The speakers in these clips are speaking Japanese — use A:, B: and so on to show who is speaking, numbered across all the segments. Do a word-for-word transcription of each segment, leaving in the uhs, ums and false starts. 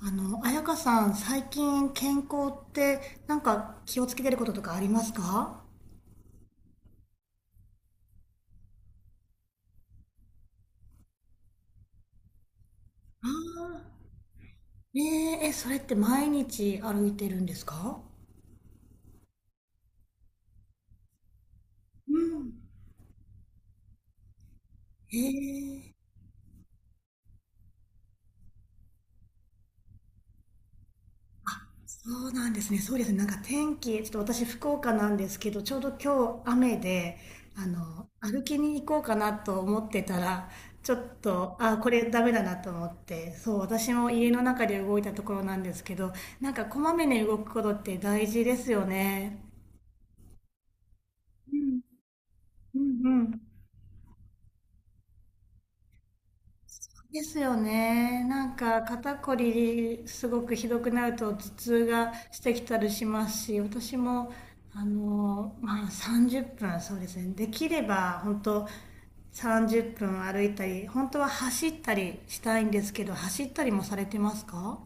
A: あの、彩香さん、最近健康ってなんか気をつけてることとかありますか？ああー、ねえ、え、それって毎日歩いてるんですか？うん。ええ、そうなんですね。そうですね。なんか天気、ちょっと私福岡なんですけど、ちょうど今日雨で、あの、歩きに行こうかなと思ってたら、ちょっと、あ、これダメだなと思って、そう、私も家の中で動いたところなんですけど、なんかこまめに動くことって大事ですよね。うん、うんうん。ですよね。なんか肩こりすごくひどくなると頭痛がしてきたりしますし、私もあのまあさんじゅっぷんそうですね。できれば本当さんじゅっぷん歩いたり、本当は走ったりしたいんですけど、走ったりもされてますか？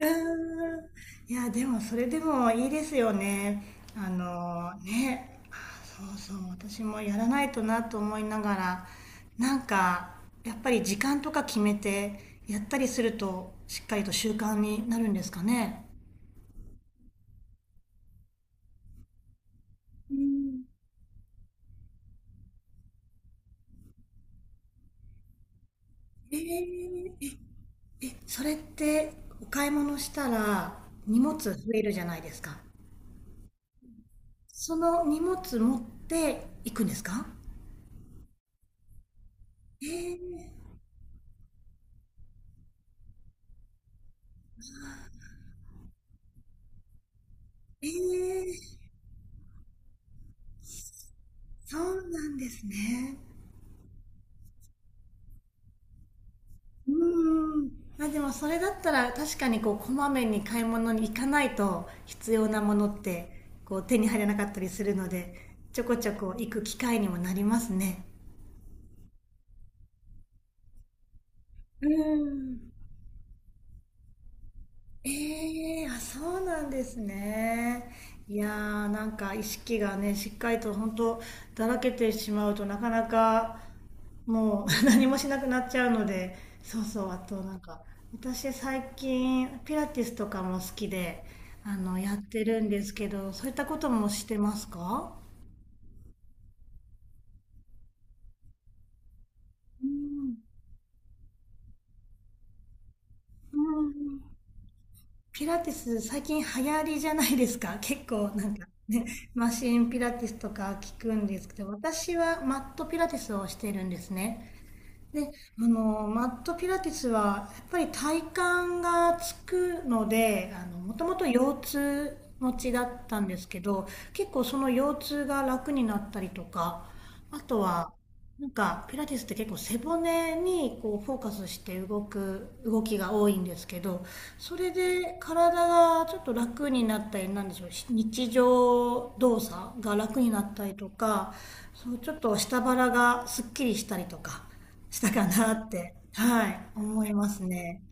A: うーん。いや、でもそれでもいいですよね。あのね、あ、そうそう、私もやらないとなと思いながら、なんか、やっぱり時間とか決めてやったりすると、しっかりと習慣になるんですかね。えー、え、それってお買い物したら荷物増えるじゃないですか。その荷物持って行くんですか？えー、えー、そうなんですね。うーん。あ、でもそれだったら確かにこうこまめに買い物に行かないと必要なものってこう手に入らなかったりするので、ちょこちょこ行く機会にもなりますね。うーん。ええあ、そうなんですね。いやー、なんか意識がね、しっかりと本当だらけてしまうとなかなかもう 何もしなくなっちゃうので、そうそう、あとなんか、私最近ピラティスとかも好きで、あの、やってるんですけど、そういったこともしてますか？うん。うんピラティス最近流行りじゃないですか。結構なんかね、マシンピラティスとか聞くんですけど、私はマットピラティスをしてるんですね。で、あの、マットピラティスは、やっぱり体幹がつくので、あの、もともと腰痛持ちだったんですけど、結構その腰痛が楽になったりとか、あとは、なんかピラティスって結構背骨にこうフォーカスして動く動きが多いんですけど、それで体がちょっと楽になったりなんでしょう、日常動作が楽になったりとか、そうちょっと下腹がすっきりしたりとかしたかなって、はい、思いますね。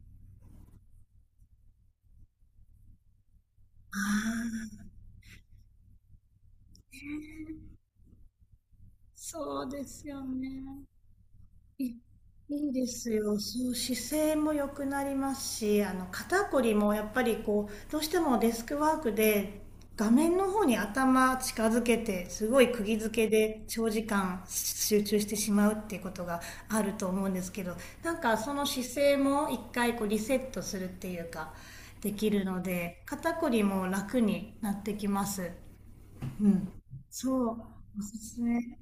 A: そうですよね。いいいですよ。そう、姿勢も良くなりますし、あの肩こりもやっぱりこう、どうしてもデスクワークで画面の方に頭近づけて、すごい釘付けで長時間集中してしまうっていうことがあると思うんですけど、なんかその姿勢も一回こうリセットするっていうか、できるので、肩こりも楽になってきます。うん。そう、おすすめ。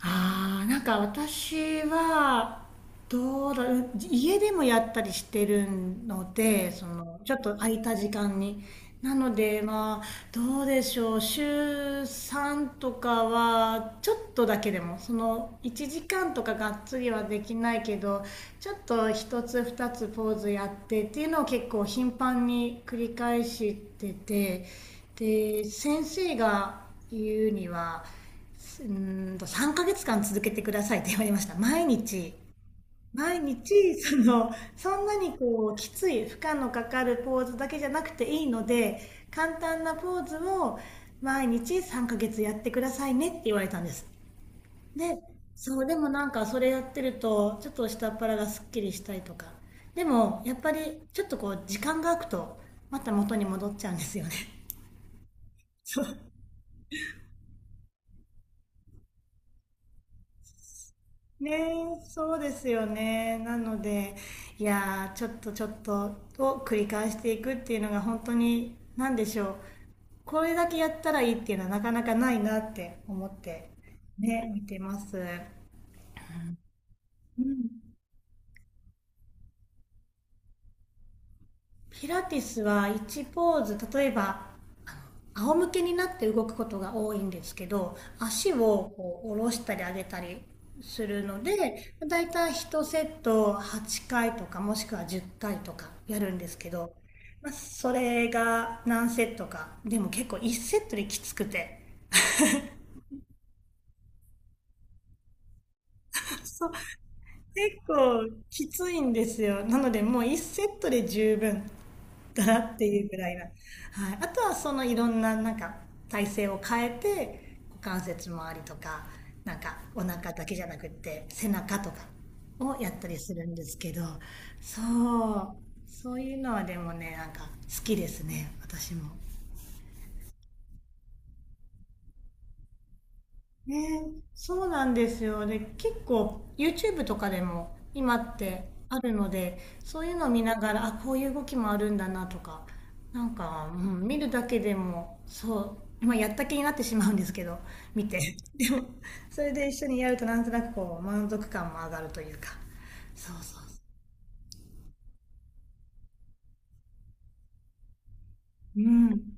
A: ああ、なんか私は、どうだろう、家でもやったりしてるので、その、ちょっと空いた時間に。なので、まあ、どうでしょう、週さんとかは、ちょっとだけでも、その、いちじかんとかがっつりはできないけど、ちょっとひとつふたつポーズやってっていうのを結構頻繁に繰り返してて、で、先生が言うには、うんとさんかげつかん続けてくださいって言われました。毎日。毎日、その、そんなにこう、きつい、負荷のかかるポーズだけじゃなくていいので、簡単なポーズを毎日さんかげつやってくださいねって言われたんです。で、そう、でもなんかそれやってると、ちょっと下っ腹がすっきりしたりとか。でも、やっぱり、ちょっとこう、時間が空くと、また元に戻っちゃうんですよね。そう。ねえ、そうですよね。なので、いやー、ちょっとちょっとを繰り返していくっていうのが本当に、なんでしょう。これだけやったらいいっていうのはなかなかないなって思って、ね、見てます。うん。ピラティスはいちポーズ例えば仰向けになって動くことが多いんですけど、足をこう下ろしたり上げたりするので、だいたいいちセットはちかいとかもしくはじゅっかいとかやるんですけど、まあ、それが何セットかでも結構いちセットできつくて、 そう結構きついんですよ。なのでもういちセットで十分かなっていうぐらいな。はい。あとはそのいろんななんか体勢を変えて、股関節周りとか、なんかお腹だけじゃなくって背中とかをやったりするんですけど、そう、そういうのはでもね、なんか好きですね、私も。ね、そうなんですよ。で、結構 ユーチューブ とかでも今ってあるので、そういうのを見ながら、あ、こういう動きもあるんだなとか、なんか、うん、見るだけでも、そう、まあ、やった気になってしまうんですけど、見て。でも、それで一緒にやるとなんとなくこう、満足感も上がるというか。そうそうう。うん。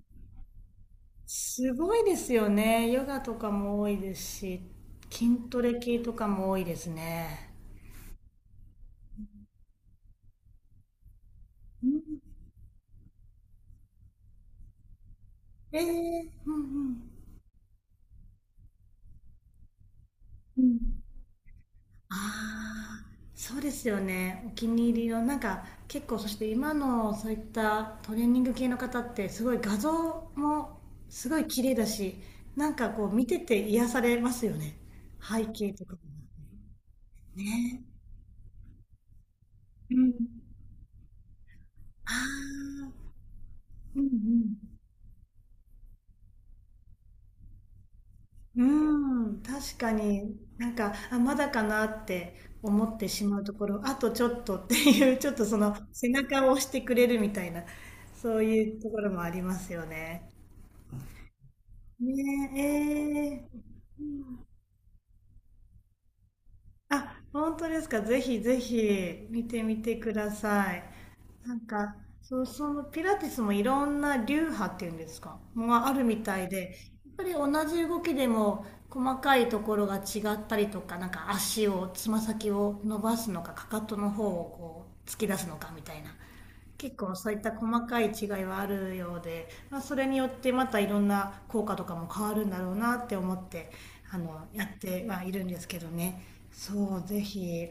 A: すごいですよね。ヨガとかも多いですし、筋トレ系とかも多いですね。うんえー、うんうん。うん。ああ、そうですよね。お気に入りの、なんか結構そして今のそういったトレーニング系の方ってすごい画像もすごい綺麗だし、なんかこう見てて癒されますよね。背景とかも。うん。ああ、うんうん。うーん、確かに、なんか、あ、まだかなって思ってしまうところ、あとちょっとっていう、ちょっとその背中を押してくれるみたいな、そういうところもありますよね。ねえ、えーあ、本当ですか。ぜひぜひ見てみてください。なんか、そう、そのピラティスもいろんな流派っていうんですか、もうあるみたいで、やっぱり同じ動きでも細かいところが違ったりとか、なんか足を、つま先を伸ばすのか、かかとの方をこう突き出すのかみたいな。結構そういった細かい違いはあるようで、まあ、それによってまたいろんな効果とかも変わるんだろうなって思って、あのやってはいるんですけどね。そうぜひ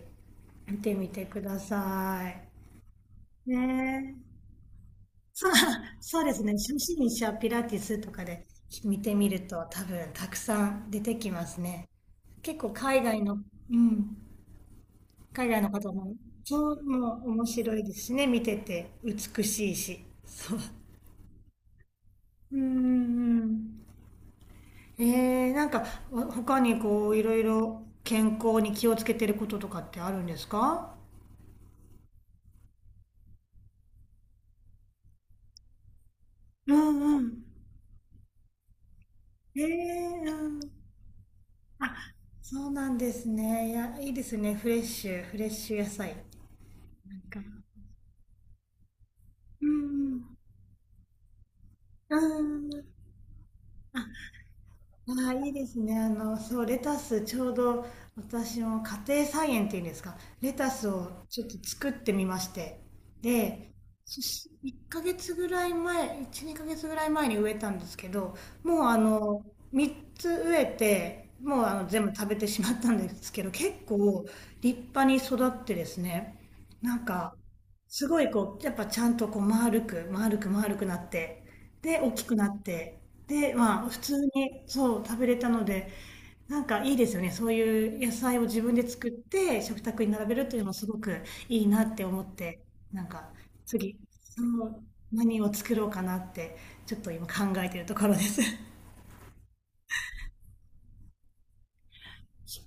A: 見てみてくださいねえ、そう、そうですね初心者ピラティスとかで見てみると多分たくさん出てきますね。結構海外の、うん、海外の方も、そうも面白いですしね、見てて美しいしそううんんえー、なんかわ他にこういろいろ健康に気をつけてることとかってあるんですか？うんうん。えー、うん。あ、そうなんですね。いや、いいですね。フレッシュ、フレッシュ野菜。なんか、うんうん。うん。ああ、いいですね。あの、そう、レタス、ちょうど私も家庭菜園っていうんですか、レタスをちょっと作ってみまして。で、そしいっかげつぐらい前、いち、にかげつぐらい前に植えたんですけど、もうあの、みっつ植えて、もうあの全部食べてしまったんですけど、結構立派に育ってですね、なんか、すごいこう、やっぱちゃんとこう丸く、丸く丸くなって、で、大きくなって、で、まあ、普通に、そう、食べれたので、なんかいいですよね。そういう野菜を自分で作って食卓に並べるというのもすごくいいなって思って、なんか次、その何を作ろうかなって、ちょっと今考えてるところです。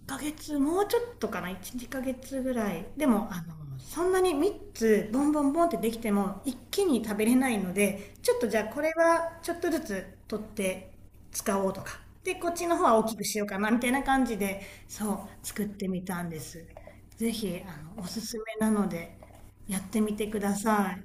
A: ヶ月、もうちょっとかな、いち、にかげつぐらい。でも、あの、そんなにみっつボンボンボンってできても一気に食べれないので、ちょっとじゃあこれはちょっとずつ取って使おうとか。で、こっちの方は大きくしようかな、みたいな感じで、そう、作ってみたんです。ぜひ、あの、おすすめなので、やってみてください。